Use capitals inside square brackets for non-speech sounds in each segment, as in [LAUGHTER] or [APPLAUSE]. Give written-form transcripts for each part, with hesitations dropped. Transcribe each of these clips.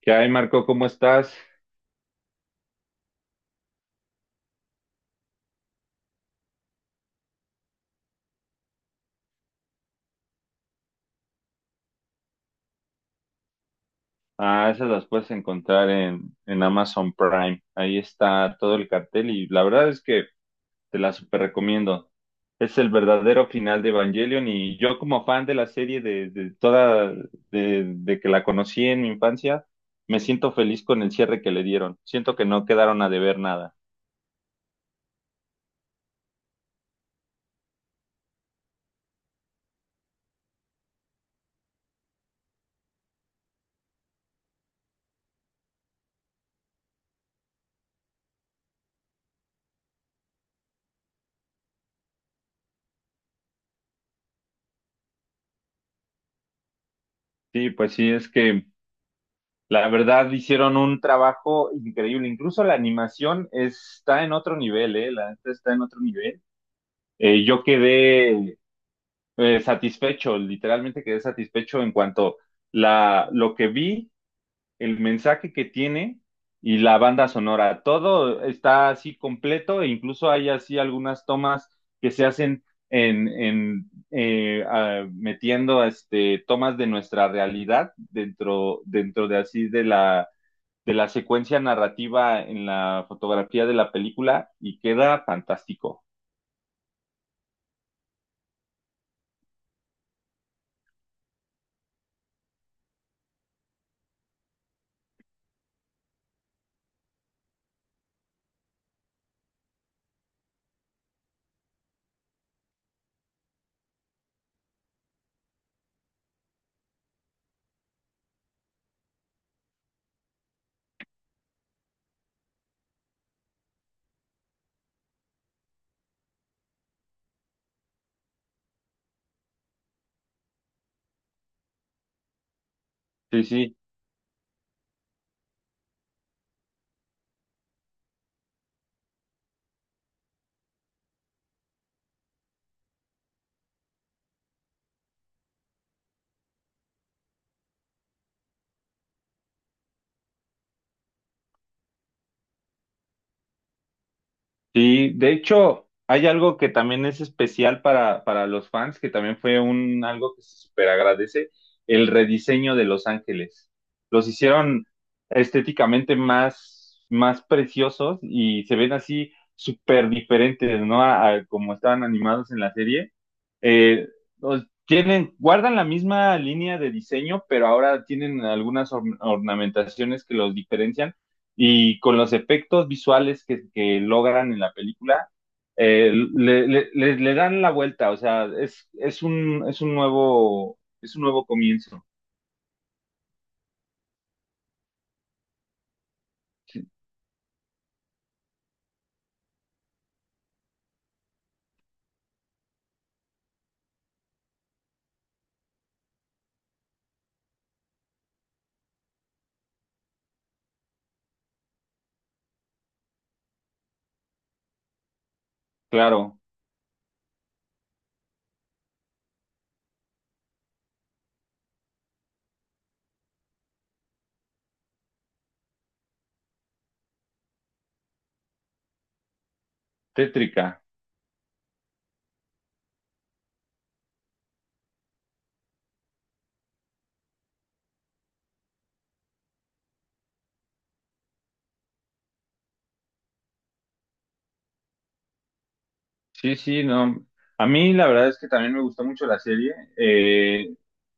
¿Qué hay, Marco? ¿Cómo estás? Ah, esas las puedes encontrar en Amazon Prime. Ahí está todo el cartel y la verdad es que te la super recomiendo. Es el verdadero final de Evangelion y yo como fan de la serie de toda, de que la conocí en mi infancia, me siento feliz con el cierre que le dieron. Siento que no quedaron a deber nada. Sí, pues sí, es que la verdad hicieron un trabajo increíble. Incluso la animación está en otro nivel, ¿eh? La neta está en otro nivel. Yo quedé satisfecho, literalmente quedé satisfecho en cuanto la, lo que vi, el mensaje que tiene y la banda sonora. Todo está así completo e incluso hay así algunas tomas que se hacen en, en metiendo este, tomas de nuestra realidad dentro, dentro de así de la secuencia narrativa en la fotografía de la película y queda fantástico. Sí, sí. Sí, de hecho, hay algo que también es especial para los fans, que también fue un algo que se super agradece, el rediseño de Los Ángeles. Los hicieron estéticamente más, más preciosos y se ven así súper diferentes, ¿no? A como estaban animados en la serie. Eh, los- tienen, guardan la misma línea de diseño, pero ahora tienen algunas or- ornamentaciones que los diferencian y con los efectos visuales que logran en la película, le, le- le- le dan la vuelta, o sea, es un nuevo comienzo, claro, tétrica. Sí, sí, no. A mí la verdad es que también me gustó mucho la serie.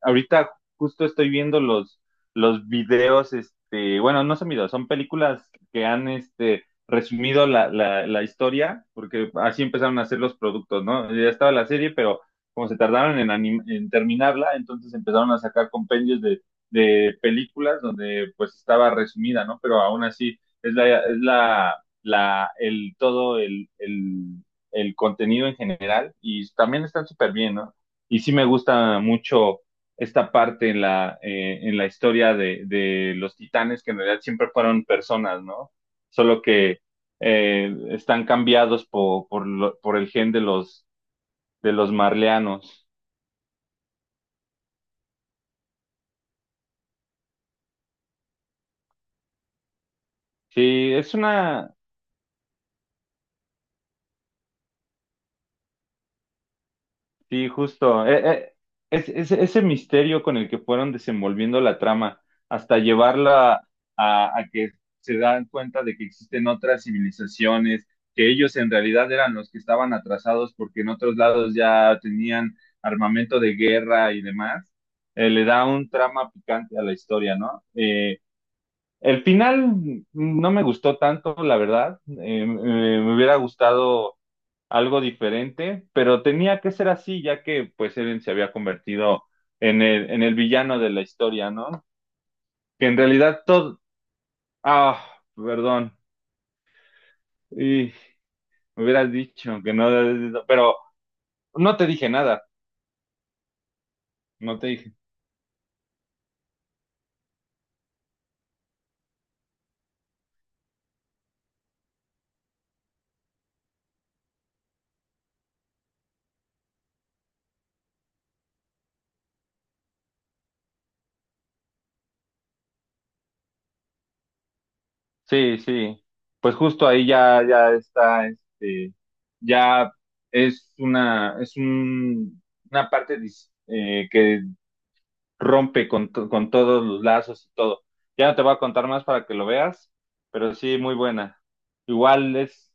Ahorita justo estoy viendo los videos, este, bueno, no son videos, son películas que han este, resumido la, la, la historia, porque así empezaron a hacer los productos, ¿no? Ya estaba la serie, pero como se tardaron en, anim- en terminarla, entonces empezaron a sacar compendios de películas donde pues estaba resumida, ¿no? Pero aún así es la, la, el, todo el contenido en general y también están súper bien, ¿no? Y sí me gusta mucho esta parte en la historia de, los titanes, que en realidad siempre fueron personas, ¿no? Solo que están cambiados por, lo, por, el gen de los marleanos. Sí, es una, Sí, justo. Es- es- ese misterio con el que fueron desenvolviendo la trama, hasta llevarla a que se dan cuenta de que existen otras civilizaciones, que ellos en realidad eran los que estaban atrasados porque en otros lados ya tenían armamento de guerra y demás, le da un trama picante a la historia, ¿no? El final no me gustó tanto, la verdad. Me hubiera gustado algo diferente, pero tenía que ser así, ya que pues Eren se había convertido en el villano de la historia, ¿no? Que en realidad todo... Ah, perdón. Y me hubieras dicho que no... Pero no te dije nada, no te dije. Sí, sí. Pues justo ahí ya, ya está, este, ya es una, es un, una parte dis- que rompe con, to- con todos los lazos y todo. Ya no te voy a contar más para que lo veas, pero sí, muy buena. Igual es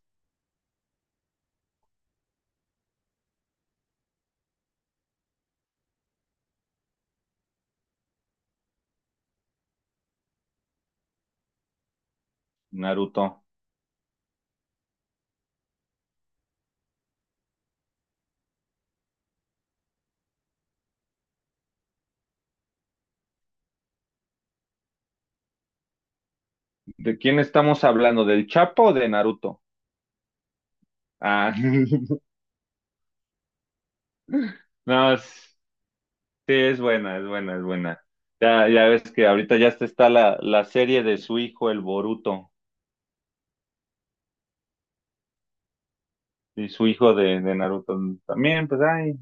Naruto. ¿De quién estamos hablando? ¿Del Chapo o de Naruto? Ah, [LAUGHS] no, es- sí, es buena, es buena, es buena. Ya, ya ves que ahorita ya está, está la, la serie de su hijo, el Boruto, y su hijo de Naruto también, pues ay.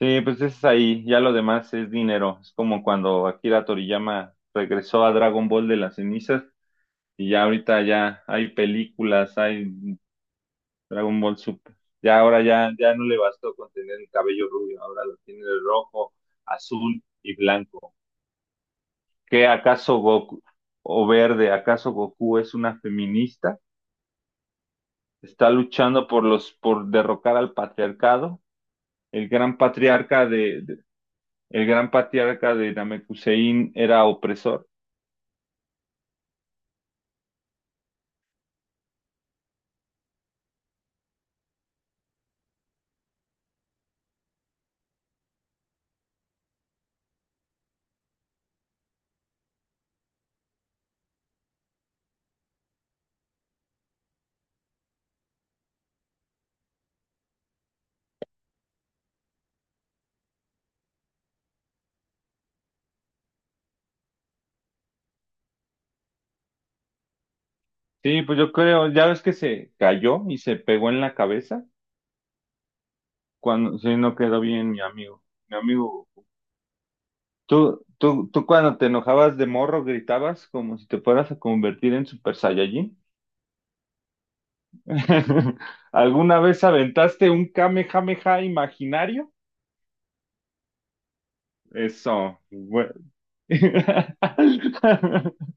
Sí, pues es ahí, ya lo demás es dinero. Es como cuando Akira Toriyama regresó a Dragon Ball de las cenizas. Y ya ahorita ya hay películas, hay Dragon Ball Super. Ya ahora ya, ya no le bastó con tener el cabello rubio, ahora lo tiene de rojo, azul y blanco. ¿Qué acaso Goku o verde? ¿Acaso Goku es una feminista? ¿Está luchando por los, por derrocar al patriarcado? El gran patriarca de- el gran patriarca de Namekusein era opresor. Sí, pues yo creo, ya ves que se cayó y se pegó en la cabeza. Cuando, sí, no quedó bien mi amigo. Mi amigo, ¿tú, tú, tú cuando te enojabas de morro gritabas como si te fueras a convertir en Super Saiyajin? [LAUGHS] ¿Alguna vez aventaste un Kamehameha imaginario? Eso, bueno. [LAUGHS]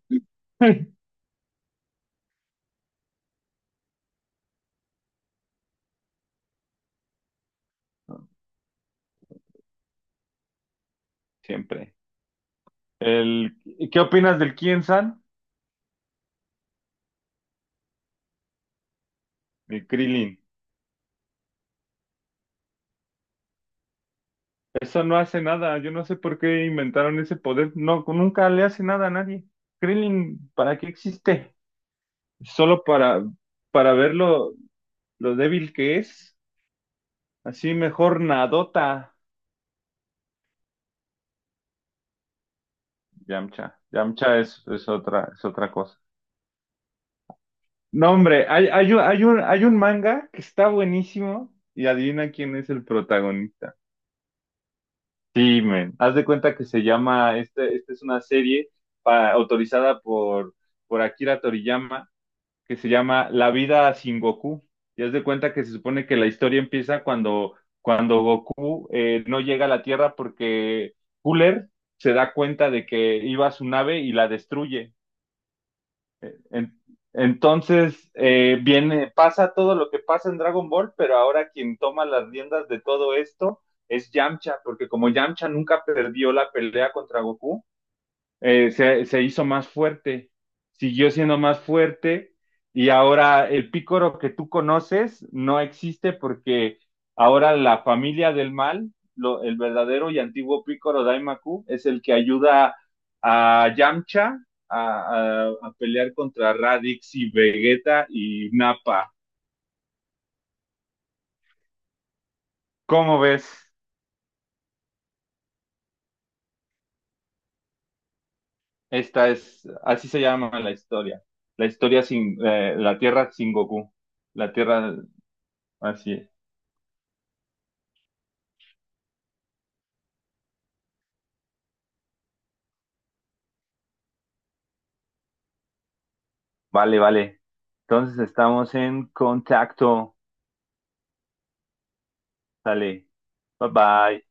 Siempre. El, ¿qué opinas del Kien San? El Krillin. Eso no hace nada. Yo no sé por qué inventaron ese poder. No, nunca le hace nada a nadie. Krillin, ¿para qué existe? Solo para ver lo débil que es. Así mejor Nadota. Yamcha. Yamcha es otra cosa. No, hombre, hay, un- hay un, hay un manga que está buenísimo y adivina quién es el protagonista. Sí, men. Haz de cuenta que se llama, este, esta es una serie pa- autorizada por Akira Toriyama que se llama La vida sin Goku. Y haz de cuenta que se supone que la historia empieza cuando, cuando Goku no llega a la Tierra porque Cooler se da cuenta de que iba a su nave y la destruye. En- entonces, viene, pasa todo lo que pasa en Dragon Ball, pero ahora quien toma las riendas de todo esto es Yamcha, porque como Yamcha nunca perdió la pelea contra Goku, se, se hizo más fuerte, siguió siendo más fuerte y ahora el pícoro que tú conoces no existe porque ahora la familia del mal, lo- el verdadero y antiguo pícoro Daimaku, es el que ayuda a Yamcha a pelear contra Raditz y Vegeta y Nappa. ¿Cómo ves? Esta es, así se llama la historia. La historia sin, la Tierra sin Goku. La Tierra, así es. Vale, vale. Entonces estamos en contacto. Dale. Bye bye.